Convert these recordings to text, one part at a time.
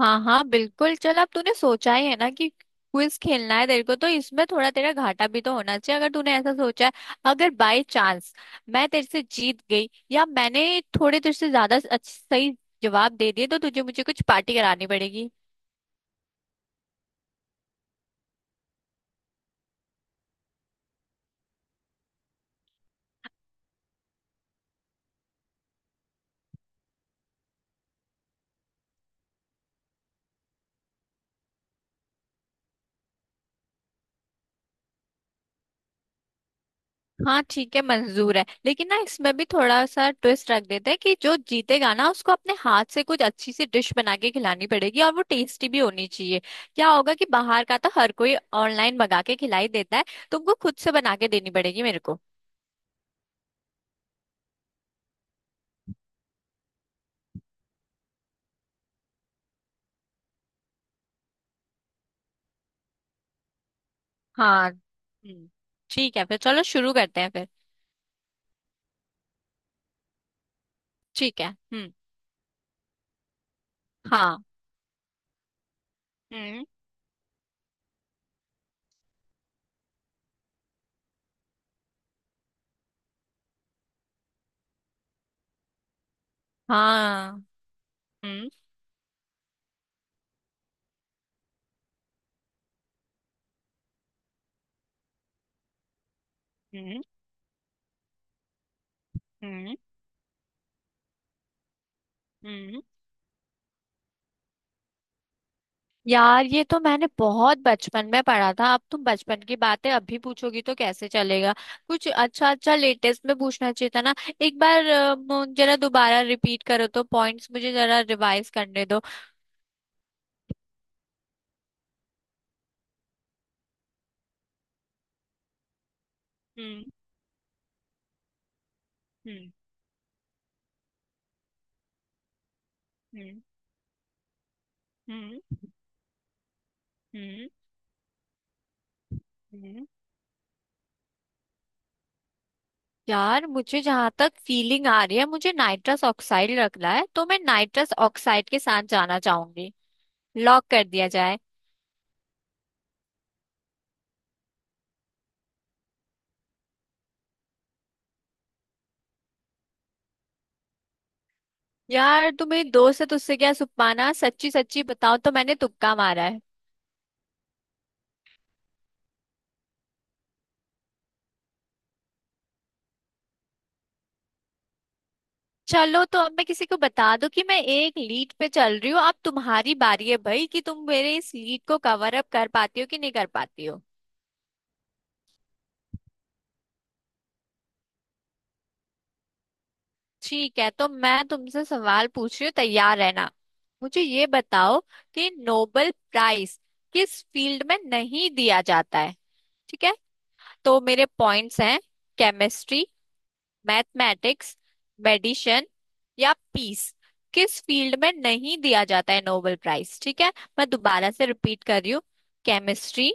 हाँ हाँ, बिल्कुल। चल, अब तूने सोचा ही है ना कि क्विज खेलना है तेरे को, तो इसमें थोड़ा तेरा घाटा भी तो होना चाहिए अगर तूने ऐसा सोचा है। अगर बाय चांस मैं तेरे से जीत गई या मैंने थोड़े तेरे से ज्यादा सही जवाब दे दिए तो तुझे मुझे कुछ पार्टी करानी पड़ेगी। हाँ ठीक है, मंजूर है। लेकिन ना इसमें भी थोड़ा सा ट्विस्ट रख देते हैं कि जो जीतेगा ना उसको अपने हाथ से कुछ अच्छी सी डिश बना के खिलानी पड़ेगी और वो टेस्टी भी होनी चाहिए। क्या होगा कि बाहर का तो हर कोई ऑनलाइन मंगा के खिलाई देता है, तुमको खुद से बना के देनी पड़ेगी मेरे को। हाँ। हम्म। ठीक है, फिर चलो शुरू करते हैं फिर। ठीक है। हम्म। हाँ। हम्म। हाँ। हम्म। हम्म। हम्म। हम्म। यार ये तो मैंने बहुत बचपन में पढ़ा था, अब तुम बचपन की बातें अभी पूछोगी तो कैसे चलेगा। कुछ अच्छा अच्छा लेटेस्ट में पूछना चाहिए था ना। एक बार जरा दोबारा रिपीट करो तो पॉइंट्स मुझे जरा रिवाइज करने दो। हम्म। हम्म। हम्म। हम्म। हम्म। हम्म। यार मुझे जहां तक फीलिंग आ रही है मुझे नाइट्रस ऑक्साइड रखना है, तो मैं नाइट्रस ऑक्साइड के साथ जाना चाहूंगी। लॉक कर दिया जाए। यार तू मेरी दोस्त है तो उससे क्या सुपाना, सच्ची सच्ची बताओ तो मैंने तुक्का मारा है। चलो तो अब मैं किसी को बता दूं कि मैं एक लीड पे चल रही हूँ। अब तुम्हारी बारी है भाई, कि तुम मेरे इस लीड को कवर अप कर पाती हो कि नहीं कर पाती हो। ठीक है, तो मैं तुमसे सवाल पूछ रही हूँ, तैयार रहना। मुझे ये बताओ कि नोबेल प्राइज किस फील्ड में नहीं दिया जाता है। ठीक है। तो मेरे पॉइंट्स हैं, केमिस्ट्री, मैथमेटिक्स, मेडिसिन या पीस। किस फील्ड में नहीं दिया जाता है नोबेल प्राइज? ठीक है, मैं दोबारा से रिपीट कर रही हूँ। केमिस्ट्री,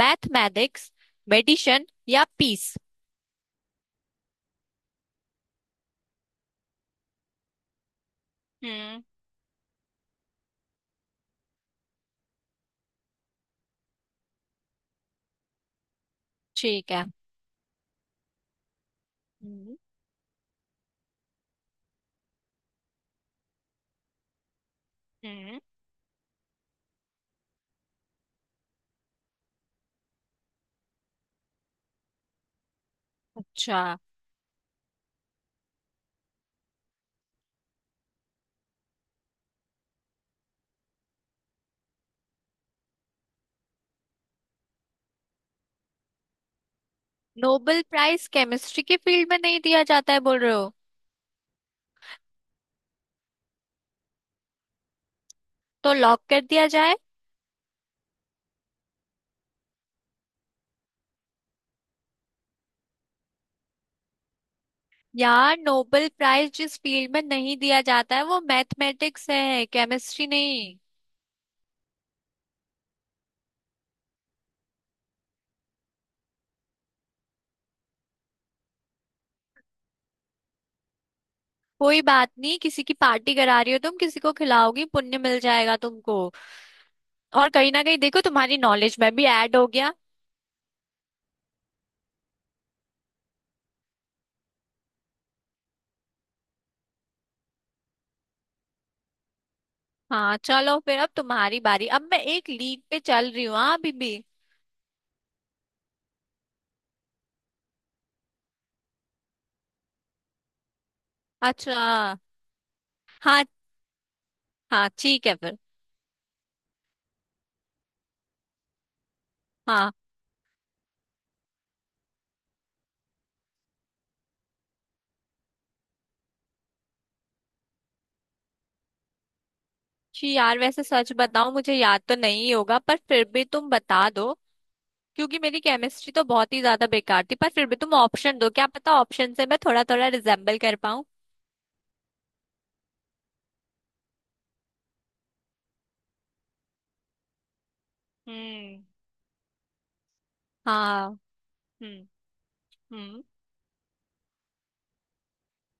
मैथमेटिक्स, मेडिसिन या पीस। हम्म। ठीक है। हम्म, हम्म। अच्छा। नोबेल प्राइज केमिस्ट्री के फील्ड में नहीं दिया जाता है बोल रहे हो? तो लॉक कर दिया जाए। यार नोबेल प्राइज जिस फील्ड में नहीं दिया जाता है वो मैथमेटिक्स है, केमिस्ट्री नहीं। कोई बात नहीं, किसी की पार्टी करा रही हो तुम, किसी को खिलाओगी, पुण्य मिल जाएगा तुमको। और कहीं ना कहीं देखो तुम्हारी नॉलेज में भी ऐड हो गया। हाँ चलो फिर, अब तुम्हारी बारी, अब मैं एक लीड पे चल रही हूँ, हाँ अभी भी। अच्छा। हाँ। हाँ ठीक है फिर। हाँ। जी यार, वैसे सच बताऊं, मुझे याद तो नहीं होगा पर फिर भी तुम बता दो। क्योंकि मेरी केमिस्ट्री तो बहुत ही ज्यादा बेकार थी, पर फिर भी तुम ऑप्शन दो, क्या पता ऑप्शन से मैं थोड़ा थोड़ा रिजेम्बल कर पाऊं। हम्म। हाँ। हम्म। हम्म।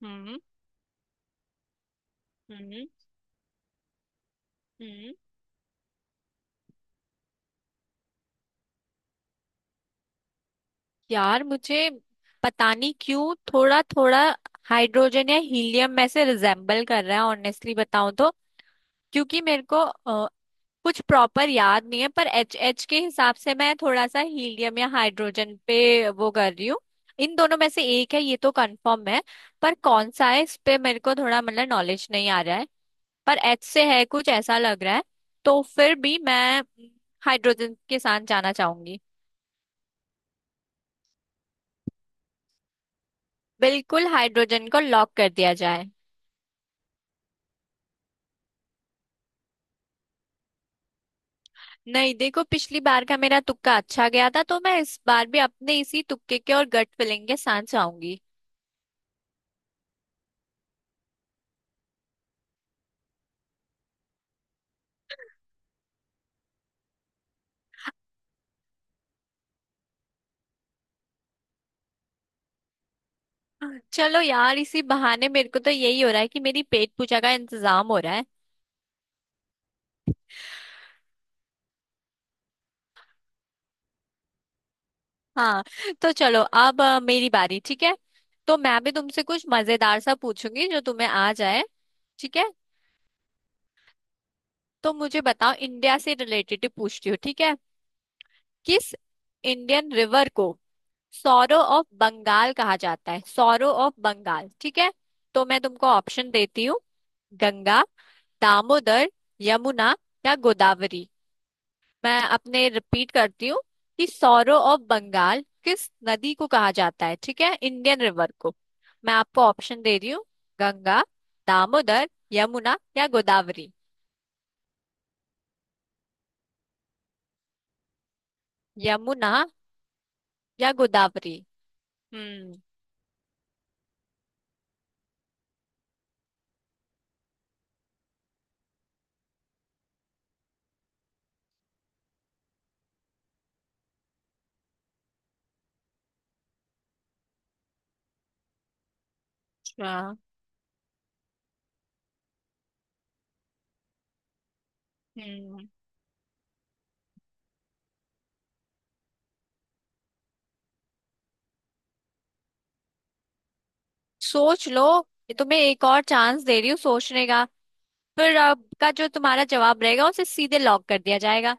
हम्म। हम्म। हम्म। यार मुझे पता नहीं क्यों थोड़ा थोड़ा हाइड्रोजन या हीलियम में से रिजेम्बल कर रहा है, ऑनेस्टली बताऊं तो। क्योंकि मेरे को कुछ प्रॉपर याद नहीं है, पर एच एच के हिसाब से मैं थोड़ा सा हीलियम या हाइड्रोजन पे वो कर रही हूँ। इन दोनों में से एक है ये तो कंफर्म है। पर कौन सा है इस पे मेरे को थोड़ा मतलब नॉलेज नहीं आ रहा है। पर एच से है कुछ ऐसा लग रहा है। तो फिर भी मैं हाइड्रोजन के साथ जाना चाहूंगी। बिल्कुल, हाइड्रोजन को लॉक कर दिया जाए। नहीं देखो, पिछली बार का मेरा तुक्का अच्छा गया था तो मैं इस बार भी अपने इसी तुक्के के और गट फिलिंग के साथ जाऊंगी। चलो यार इसी बहाने मेरे को तो यही हो रहा है कि मेरी पेट पूजा का इंतजाम हो रहा है। हाँ। तो चलो अब मेरी बारी, ठीक है। तो मैं भी तुमसे कुछ मजेदार सा पूछूंगी जो तुम्हें आ जाए। ठीक है। तो मुझे बताओ, इंडिया से रिलेटेड ही पूछती हूँ, ठीक है। किस इंडियन रिवर को सौरो ऑफ बंगाल कहा जाता है? सौरो ऑफ बंगाल, ठीक है। तो मैं तुमको ऑप्शन देती हूँ। गंगा, दामोदर, यमुना या गोदावरी। मैं अपने रिपीट करती हूँ कि सौरो ऑफ बंगाल किस नदी को कहा जाता है, ठीक है, इंडियन रिवर को। मैं आपको ऑप्शन दे रही हूँ। गंगा, दामोदर, यमुना या गोदावरी। यमुना या गोदावरी। हम्म। अच्छा, हम्म। सोच लो, ये तुम्हें एक और चांस दे रही हूँ सोचने का। फिर आपका जो तुम्हारा जवाब रहेगा उसे सीधे लॉक कर दिया जाएगा।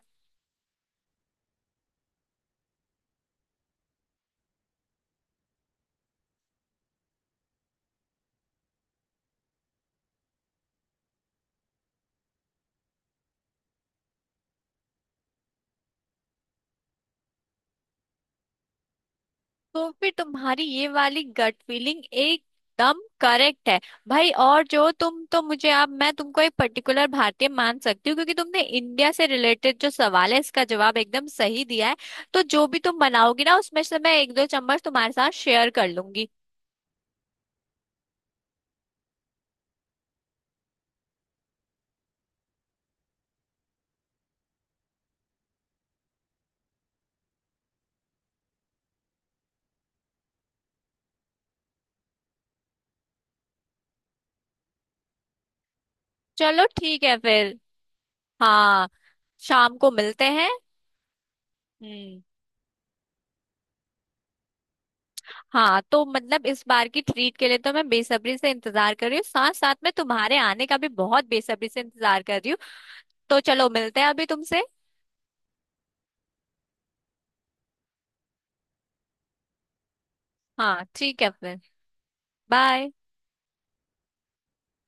तो फिर तुम्हारी ये वाली गट फीलिंग एकदम करेक्ट है भाई। और जो तुम, तो मुझे, अब मैं तुमको एक पर्टिकुलर भारतीय मान सकती हूँ, क्योंकि तुमने इंडिया से रिलेटेड जो सवाल है इसका जवाब एकदम सही दिया है। तो जो भी तुम बनाओगी ना उसमें से मैं एक दो चम्मच तुम्हारे साथ शेयर कर लूंगी। चलो ठीक है फिर। हाँ। शाम को मिलते हैं। हम्म। हाँ तो मतलब इस बार की ट्रीट के लिए तो मैं बेसब्री से इंतजार कर रही हूँ, साथ साथ में तुम्हारे आने का भी बहुत बेसब्री से इंतजार कर रही हूँ। तो चलो मिलते हैं अभी तुमसे। हाँ ठीक है फिर। बाय।